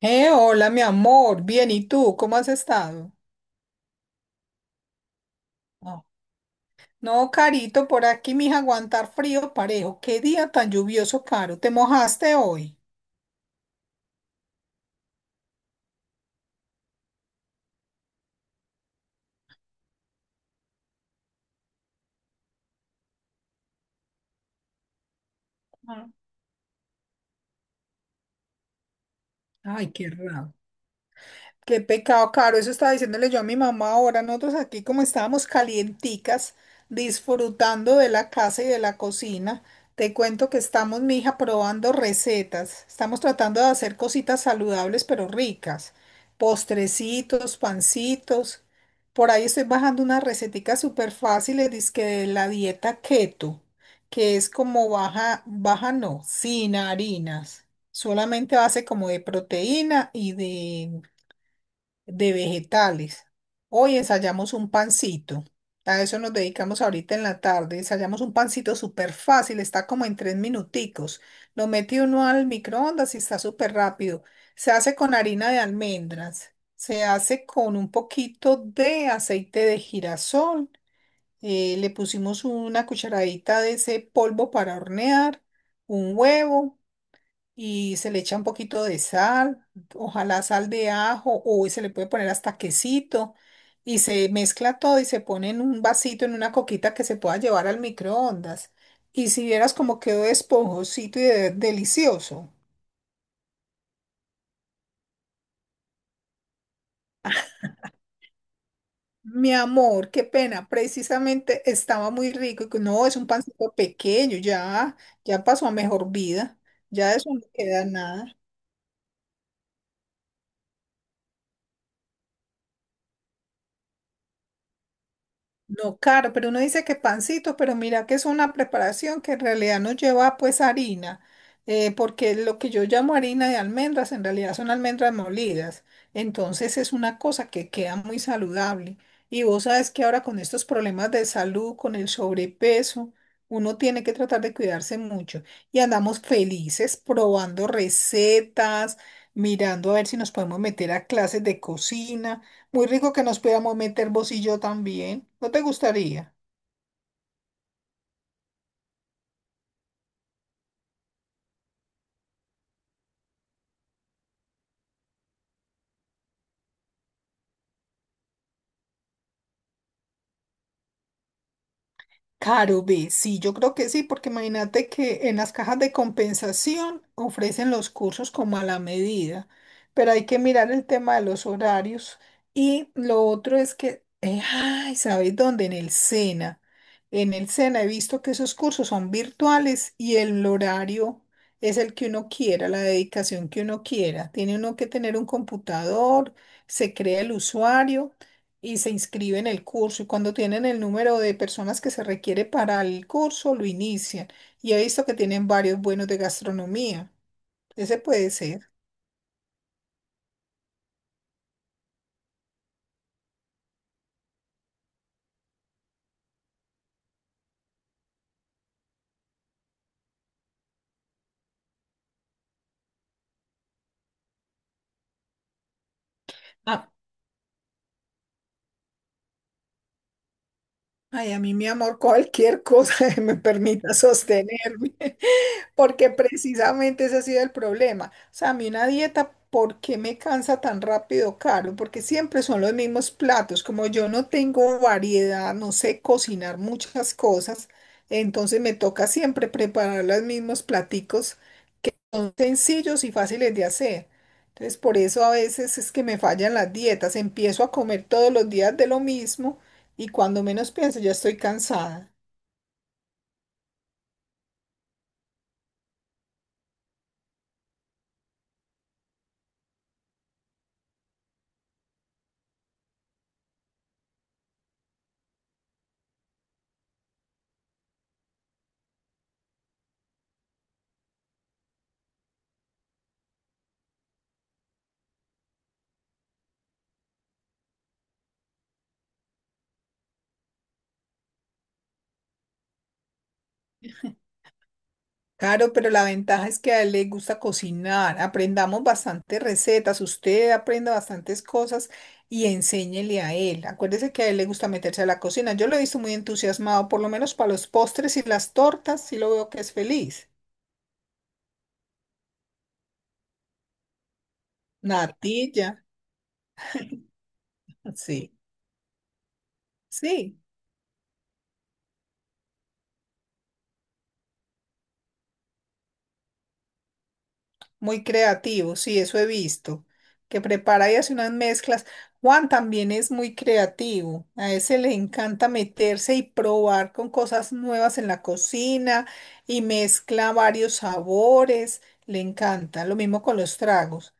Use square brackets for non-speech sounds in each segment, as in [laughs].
Hola, mi amor. Bien, ¿y tú? ¿Cómo has estado? Ah, no, Carito, por aquí, mija, aguantar frío parejo. Qué día tan lluvioso, Caro. ¿Te mojaste hoy? Ay, qué raro. Qué pecado, Caro. Eso estaba diciéndole yo a mi mamá ahora. Nosotros aquí como estábamos calienticas, disfrutando de la casa y de la cocina. Te cuento que estamos, mija, probando recetas. Estamos tratando de hacer cositas saludables pero ricas. Postrecitos, pancitos. Por ahí estoy bajando unas receticas súper fáciles, dizque de la dieta keto, que es como baja, baja no, sin harinas. Solamente base como de proteína y de vegetales. Hoy ensayamos un pancito. A eso nos dedicamos ahorita en la tarde. Ensayamos un pancito súper fácil, está como en tres minuticos. Lo mete uno al microondas y está súper rápido. Se hace con harina de almendras, se hace con un poquito de aceite de girasol. Le pusimos una cucharadita de ese polvo para hornear, un huevo y se le echa un poquito de sal, ojalá sal de ajo o se le puede poner hasta quesito y se mezcla todo y se pone en un vasito, en una coquita que se pueda llevar al microondas. Y si vieras cómo quedó esponjosito y delicioso. Mi amor, qué pena, precisamente estaba muy rico y que no, es un pancito pequeño, ya, ya pasó a mejor vida, ya de eso no queda nada. No, claro, pero uno dice que pancitos, pero mira que es una preparación que en realidad no lleva pues harina, porque lo que yo llamo harina de almendras en realidad son almendras molidas. Entonces es una cosa que queda muy saludable. Y vos sabes que ahora con estos problemas de salud, con el sobrepeso, uno tiene que tratar de cuidarse mucho. Y andamos felices probando recetas, mirando a ver si nos podemos meter a clases de cocina. Muy rico que nos pudiéramos meter vos y yo también. ¿No te gustaría? Caro, ve, sí, yo creo que sí, porque imagínate que en las cajas de compensación ofrecen los cursos como a la medida, pero hay que mirar el tema de los horarios. Y lo otro es que, ay, ¿sabes dónde? En el SENA. En el SENA he visto que esos cursos son virtuales y el horario es el que uno quiera, la dedicación que uno quiera. Tiene uno que tener un computador, se crea el usuario. Y se inscribe en el curso y cuando tienen el número de personas que se requiere para el curso, lo inician. Y he visto que tienen varios buenos de gastronomía. Ese puede ser. ah Ay, a mí, mi amor, cualquier cosa [laughs] que me permita sostenerme, [laughs] porque precisamente ese ha sido el problema. O sea, a mí una dieta, ¿por qué me cansa tan rápido, Carlos? Porque siempre son los mismos platos. Como yo no tengo variedad, no sé cocinar muchas cosas, entonces me toca siempre preparar los mismos platicos son sencillos y fáciles de hacer. Entonces, por eso a veces es que me fallan las dietas. Empiezo a comer todos los días de lo mismo y cuando menos pienso ya estoy cansada. Claro, pero la ventaja es que a él le gusta cocinar. Aprendamos bastantes recetas. Usted aprenda bastantes cosas y enséñele a él. Acuérdese que a él le gusta meterse a la cocina. Yo lo he visto muy entusiasmado, por lo menos para los postres y las tortas, sí lo veo que es feliz. Natilla, [laughs] sí, sí. Muy creativo, sí, eso he visto, que prepara y hace unas mezclas. Juan también es muy creativo, a ese le encanta meterse y probar con cosas nuevas en la cocina y mezcla varios sabores, le encanta, lo mismo con los tragos.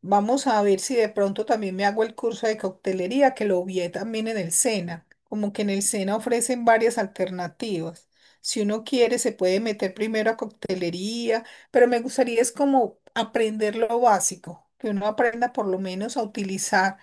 Vamos a ver si de pronto también me hago el curso de coctelería, que lo vi también en el SENA. Como que en el SENA ofrecen varias alternativas. Si uno quiere, se puede meter primero a coctelería, pero me gustaría es como aprender lo básico, que uno aprenda por lo menos a utilizar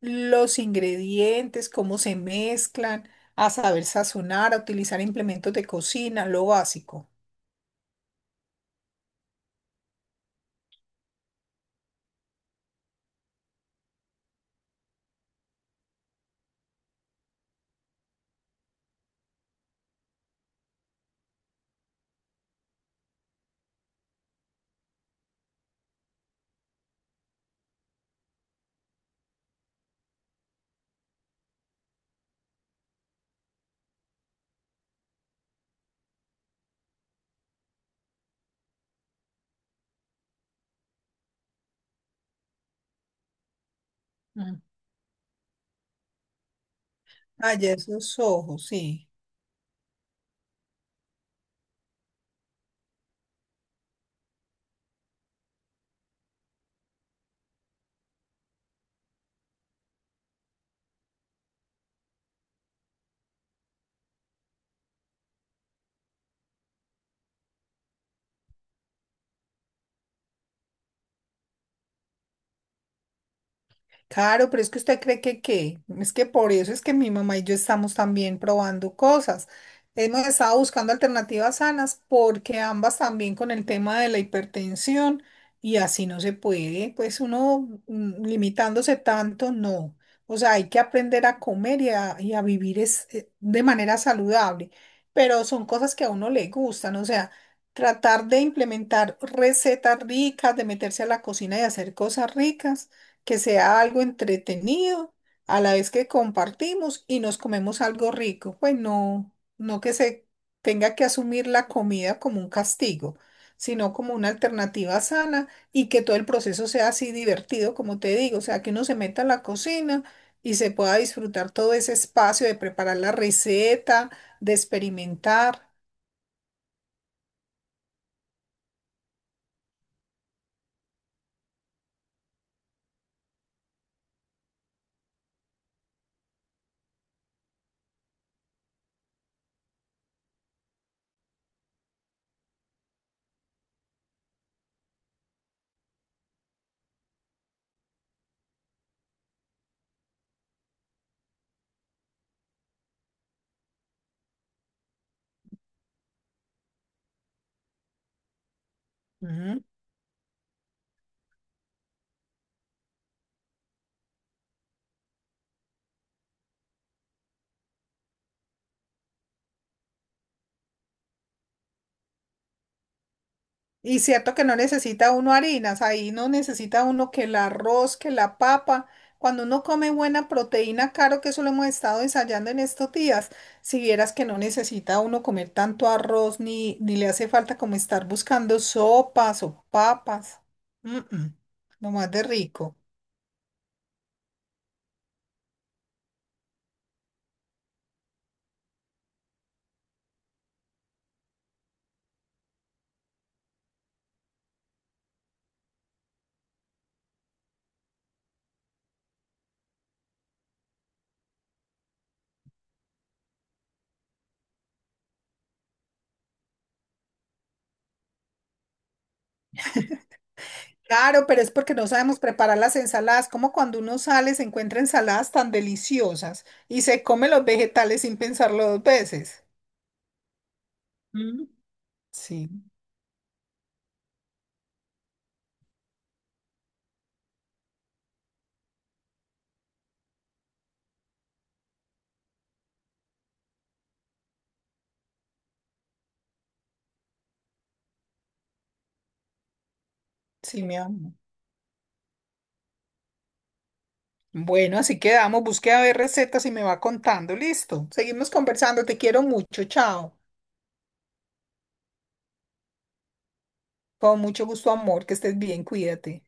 los ingredientes, cómo se mezclan, a saber sazonar, a utilizar implementos de cocina, lo básico. Mm. Ah, ya esos ojos, sí. Claro, pero es que usted cree que qué. Es que por eso es que mi mamá y yo estamos también probando cosas. Hemos estado buscando alternativas sanas porque ambas también con el tema de la hipertensión y así no se puede, pues uno limitándose tanto, no. O sea, hay que aprender a comer y a vivir es, de manera saludable, pero son cosas que a uno le gustan, o sea, tratar de implementar recetas ricas, de meterse a la cocina y hacer cosas ricas que sea algo entretenido, a la vez que compartimos y nos comemos algo rico. Pues no, no que se tenga que asumir la comida como un castigo, sino como una alternativa sana y que todo el proceso sea así divertido, como te digo, o sea, que uno se meta a la cocina y se pueda disfrutar todo ese espacio de preparar la receta, de experimentar. Y cierto que no necesita uno harinas, ahí no necesita uno que el arroz, que la papa. Cuando uno come buena proteína, claro que eso lo hemos estado ensayando en estos días. Si vieras que no necesita uno comer tanto arroz, ni, ni le hace falta como estar buscando sopas o papas. Mm, mm. Lo más de rico. Claro, pero es porque no sabemos preparar las ensaladas, como cuando uno sale se encuentra ensaladas tan deliciosas y se come los vegetales sin pensarlo dos veces. Mm. Sí. Sí, mi amor. Bueno, así quedamos. Busque a ver recetas y me va contando. Listo. Seguimos conversando. Te quiero mucho. Chao. Con mucho gusto, amor. Que estés bien. Cuídate.